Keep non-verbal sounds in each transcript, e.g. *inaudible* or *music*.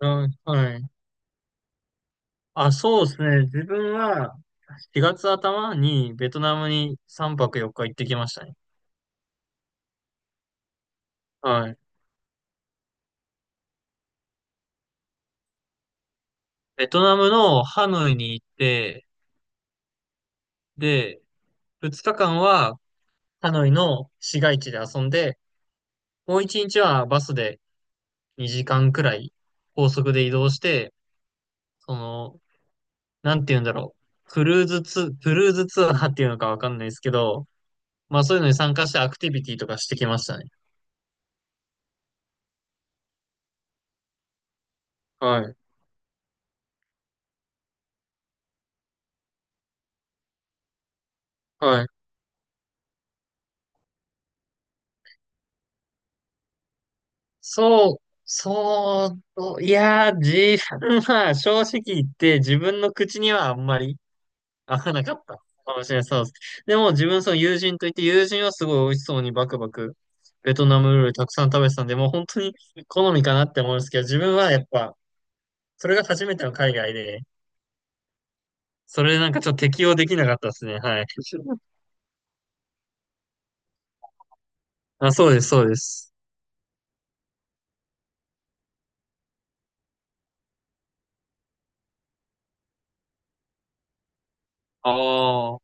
うん、はい。あ、そうですね。自分は4月頭にベトナムに3泊4日行ってきましたね。はい。ベトナムのハノイに行って、で、2日間はハノイの市街地で遊んで、もう1日はバスで2時間くらい高速で移動して、その、なんて言うんだろう。クルーズツアーっていうのかわかんないですけど、まあそういうのに参加してアクティビティとかしてきましたね。はい。はい。そう、いやー、自分は *laughs* 正直言って自分の口にはあんまり合わなかったかもしれない。そうです。でも自分その友人といって友人はすごい美味しそうにバクバクベトナム料理たくさん食べてたんで、もう本当に好みかなって思うんですけど、自分はやっぱそれが初めての海外で、それなんかちょっと適応できなかったですね。はい。*laughs* あ、そうです、そうです。ああ、は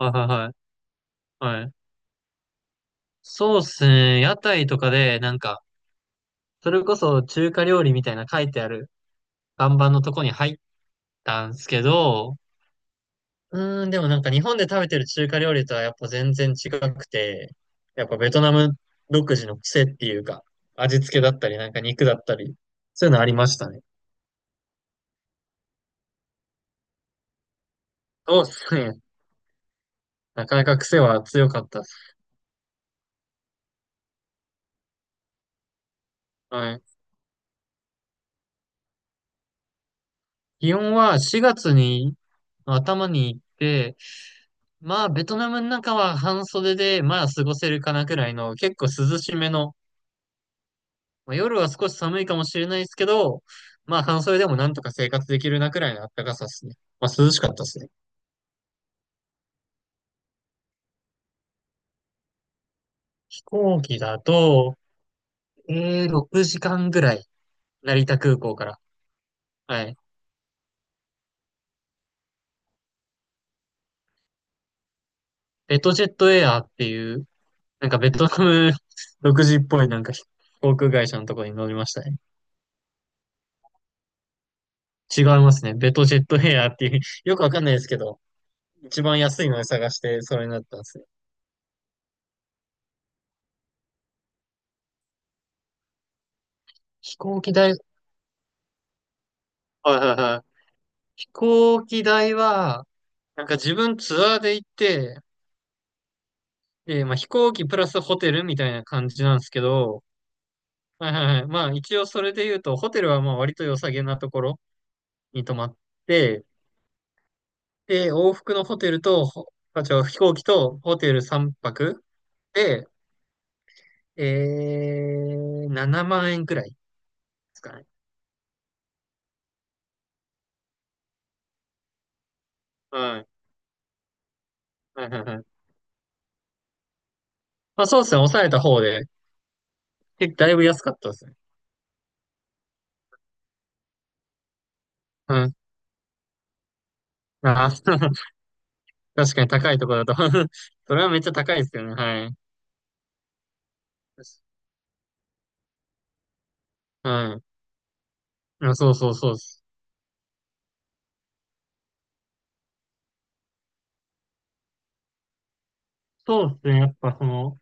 いはいはい。はい。そうですね。屋台とかでなんかそれこそ中華料理みたいな書いてある看板のとこに入ったんですけど、でもなんか日本で食べてる中華料理とはやっぱ全然違くて、やっぱベトナム独自の癖っていうか、味付けだったり、なんか肉だったり、そういうのありましたね。そうですね。なかなか癖は強かったです。はい。気温は4月に頭に行って、まあベトナムの中は半袖でまあ過ごせるかなくらいの結構涼しめのまあ、夜は少し寒いかもしれないですけど、まあ半袖でもなんとか生活できるなくらいの暖かさですね。まあ涼しかったですね。飛行機だと、6時間ぐらい、成田空港から。はい。ベトジェットエアーっていう、なんかベトナム *laughs* 独自っぽいなんか航空会社のところに乗りましたね。違いますね。ベトジェットエアーっていう *laughs* よくわかんないですけど、一番安いので探してそれになったんですね。飛行機代、はいはいはい。飛行機代は、なんか自分ツアーで行って、で、まあ飛行機プラスホテルみたいな感じなんですけど、はいはいはい。まあ一応それで言うと、ホテルはまあ割と良さげなところに泊まって、で、往復のホテルと、ほあ、違う、飛行機とホテル3泊で、7万円くらいですかね。はい。はいはいはい。まあそうですね、抑えた方で、だいぶ安かったですね。うん。あー、*laughs* 確かに高いところだと *laughs* それはめっちゃ高いですよね。はい。はい。いや、そう。そうですね。やっぱその、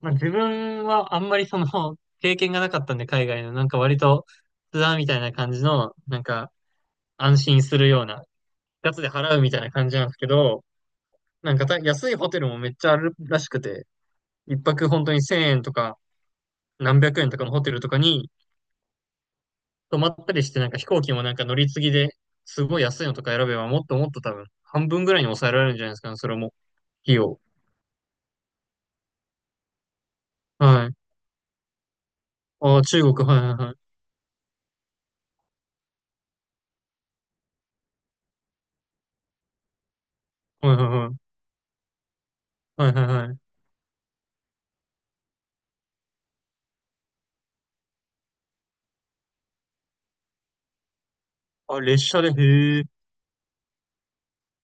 まあ、自分はあんまりその、*laughs* 経験がなかったんで、海外の、なんか割と、ツアーみたいな感じの、なんか、安心するような、ガツで払うみたいな感じなんですけど、なんか安いホテルもめっちゃあるらしくて、一泊本当に1000円とか、何百円とかのホテルとかに泊まったりして、なんか飛行機もなんか乗り継ぎで、すごい安いのとか選べば、もっともっと多分、半分ぐらいに抑えられるんじゃないですかね、それも、費用。はい。ああ、中国、はいはいはい。はいはいはい。はいはいはい。あ、列車で、へえ。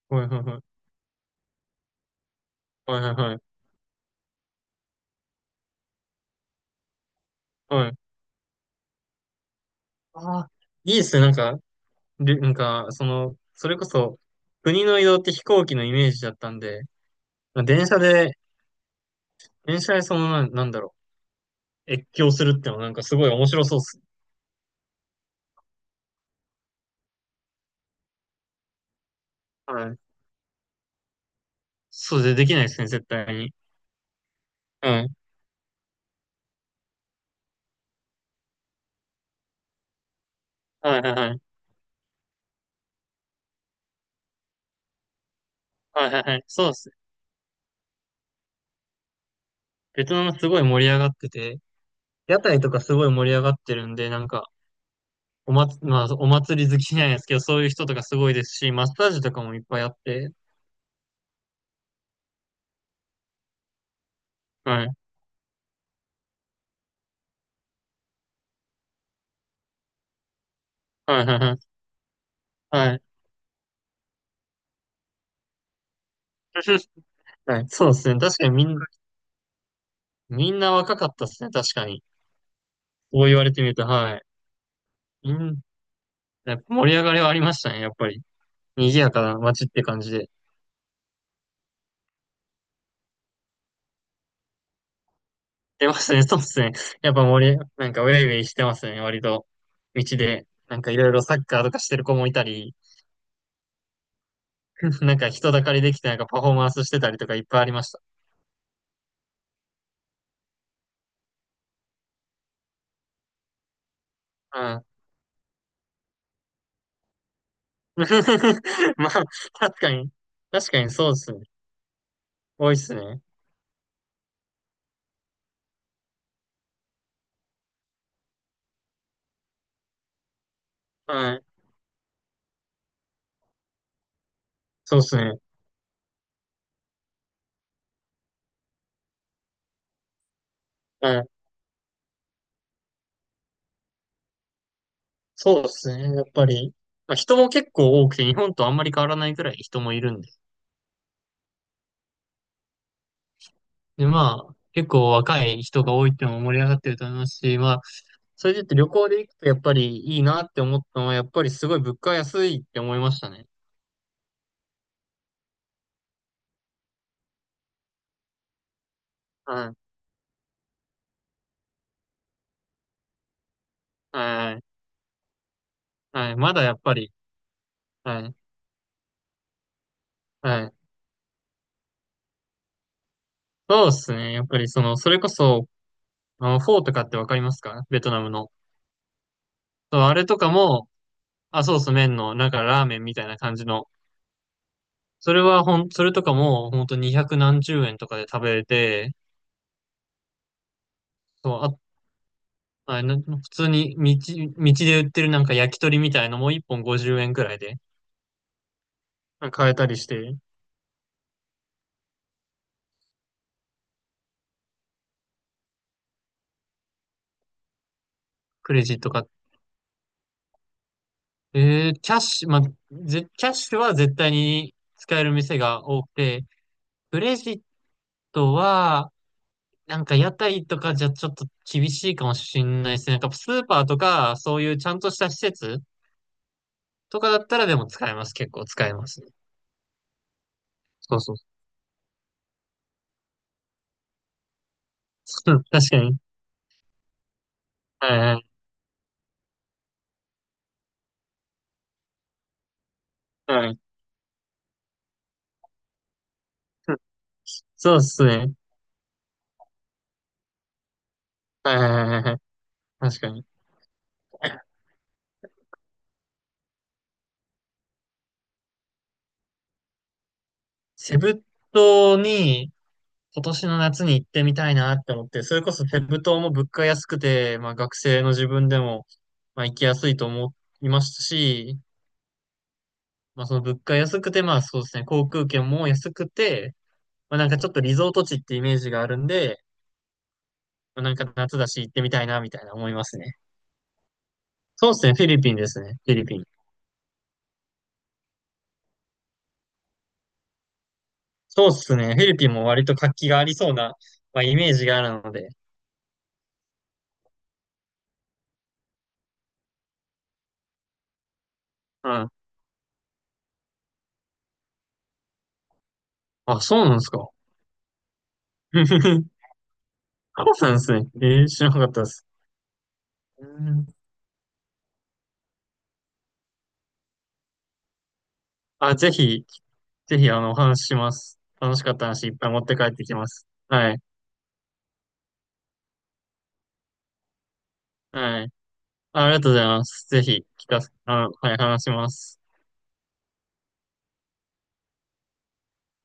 はいはいはい。はいはいはい。はい。ああ、いいですね。なんか、で、なんか、その、それこそ、国の移動って飛行機のイメージだったんで、まあ電車で、なんだろう、越境するってのはなんかすごい面白そうっす。はい。できないですね、絶対に。うん。はいはいはい。はいはいはい。そうっす。ベトナムすごい盛り上がってて、屋台とかすごい盛り上がってるんで、なんか、おまつ、まあ、お祭り好きじゃないですけど、そういう人とかすごいですし、マッサージとかもいっぱいあって、はい、はい、はい、はい。はい *laughs* はいそうですね。確かにみんな、みんな若かったですね。確かに。そう言われてみると、はい。みん、やっぱ盛り上がりはありましたね。やっぱり。賑やかな街って感じで。出ますね。そうですね。やっぱなんかウェイウェイしてますね。割と。道で。なんかいろいろサッカーとかしてる子もいたり、*laughs* なんか人だかりできてなんかパフォーマンスしてたりとかいっぱいありました。うん *laughs* まあ、確かに。確かにそうですね。多いですね。はい。そうですね。はい。そうですね。やっぱり。まあ、人も結構多くて、日本とあんまり変わらないくらい人もいるんで。で、まあ、結構若い人が多いっていうのも盛り上がってると思いますし、まあ、それで言って旅行で行くとやっぱりいいなって思ったのは、やっぱりすごい物価安いって思いましたね。はい。はい。はい。まだやっぱり。はい。はい。そうですね。やっぱりその、それこそ、あの、フォーとかってわかりますかベトナムの。そう、あれとかも、あ、そうそう、麺の、なんかラーメンみたいな感じの。それとかも、ほんと200何十円とかで食べれて、そう、あ、あな普通に道で売ってるなんか焼き鳥みたいのも1本50円くらいでなんか買えたりして、クレジットか。キャッシュ、まあ、キャッシュは絶対に使える店が多くて、クレジットは、なんか屋台とかじゃちょっと厳しいかもしれないですね。なんかスーパーとか、そういうちゃんとした施設とかだったらでも使えます。結構使えますね。そうそう。*laughs* うん確かに。はいはいはい。うんそうっすね。はいはいはいはい。確かに。セブ島に今年の夏に行ってみたいなって思って、それこそセブ島も物価安くて、まあ学生の自分でも、まあ行きやすいと思いますし、まあその物価安くて、まあそうですね、航空券も安くて、まあなんかちょっとリゾート地ってイメージがあるんで、まあなんか夏だし行ってみたいなみたいな思いますね。そうですね、フィリピンですね。フィリピン。そうっすね。フィリピンも割と活気がありそうな、まあ、イメージがあるので。うん。あ、そうなんですか。*laughs* そうなんですね。知らなかったです。うんあ、ぜひ、ぜひ、あの、お話しします。楽しかった話いっぱい持って帰ってきます。はい。はい。ありがとうございます。ぜひ、聞かせ、あの、はい、話します。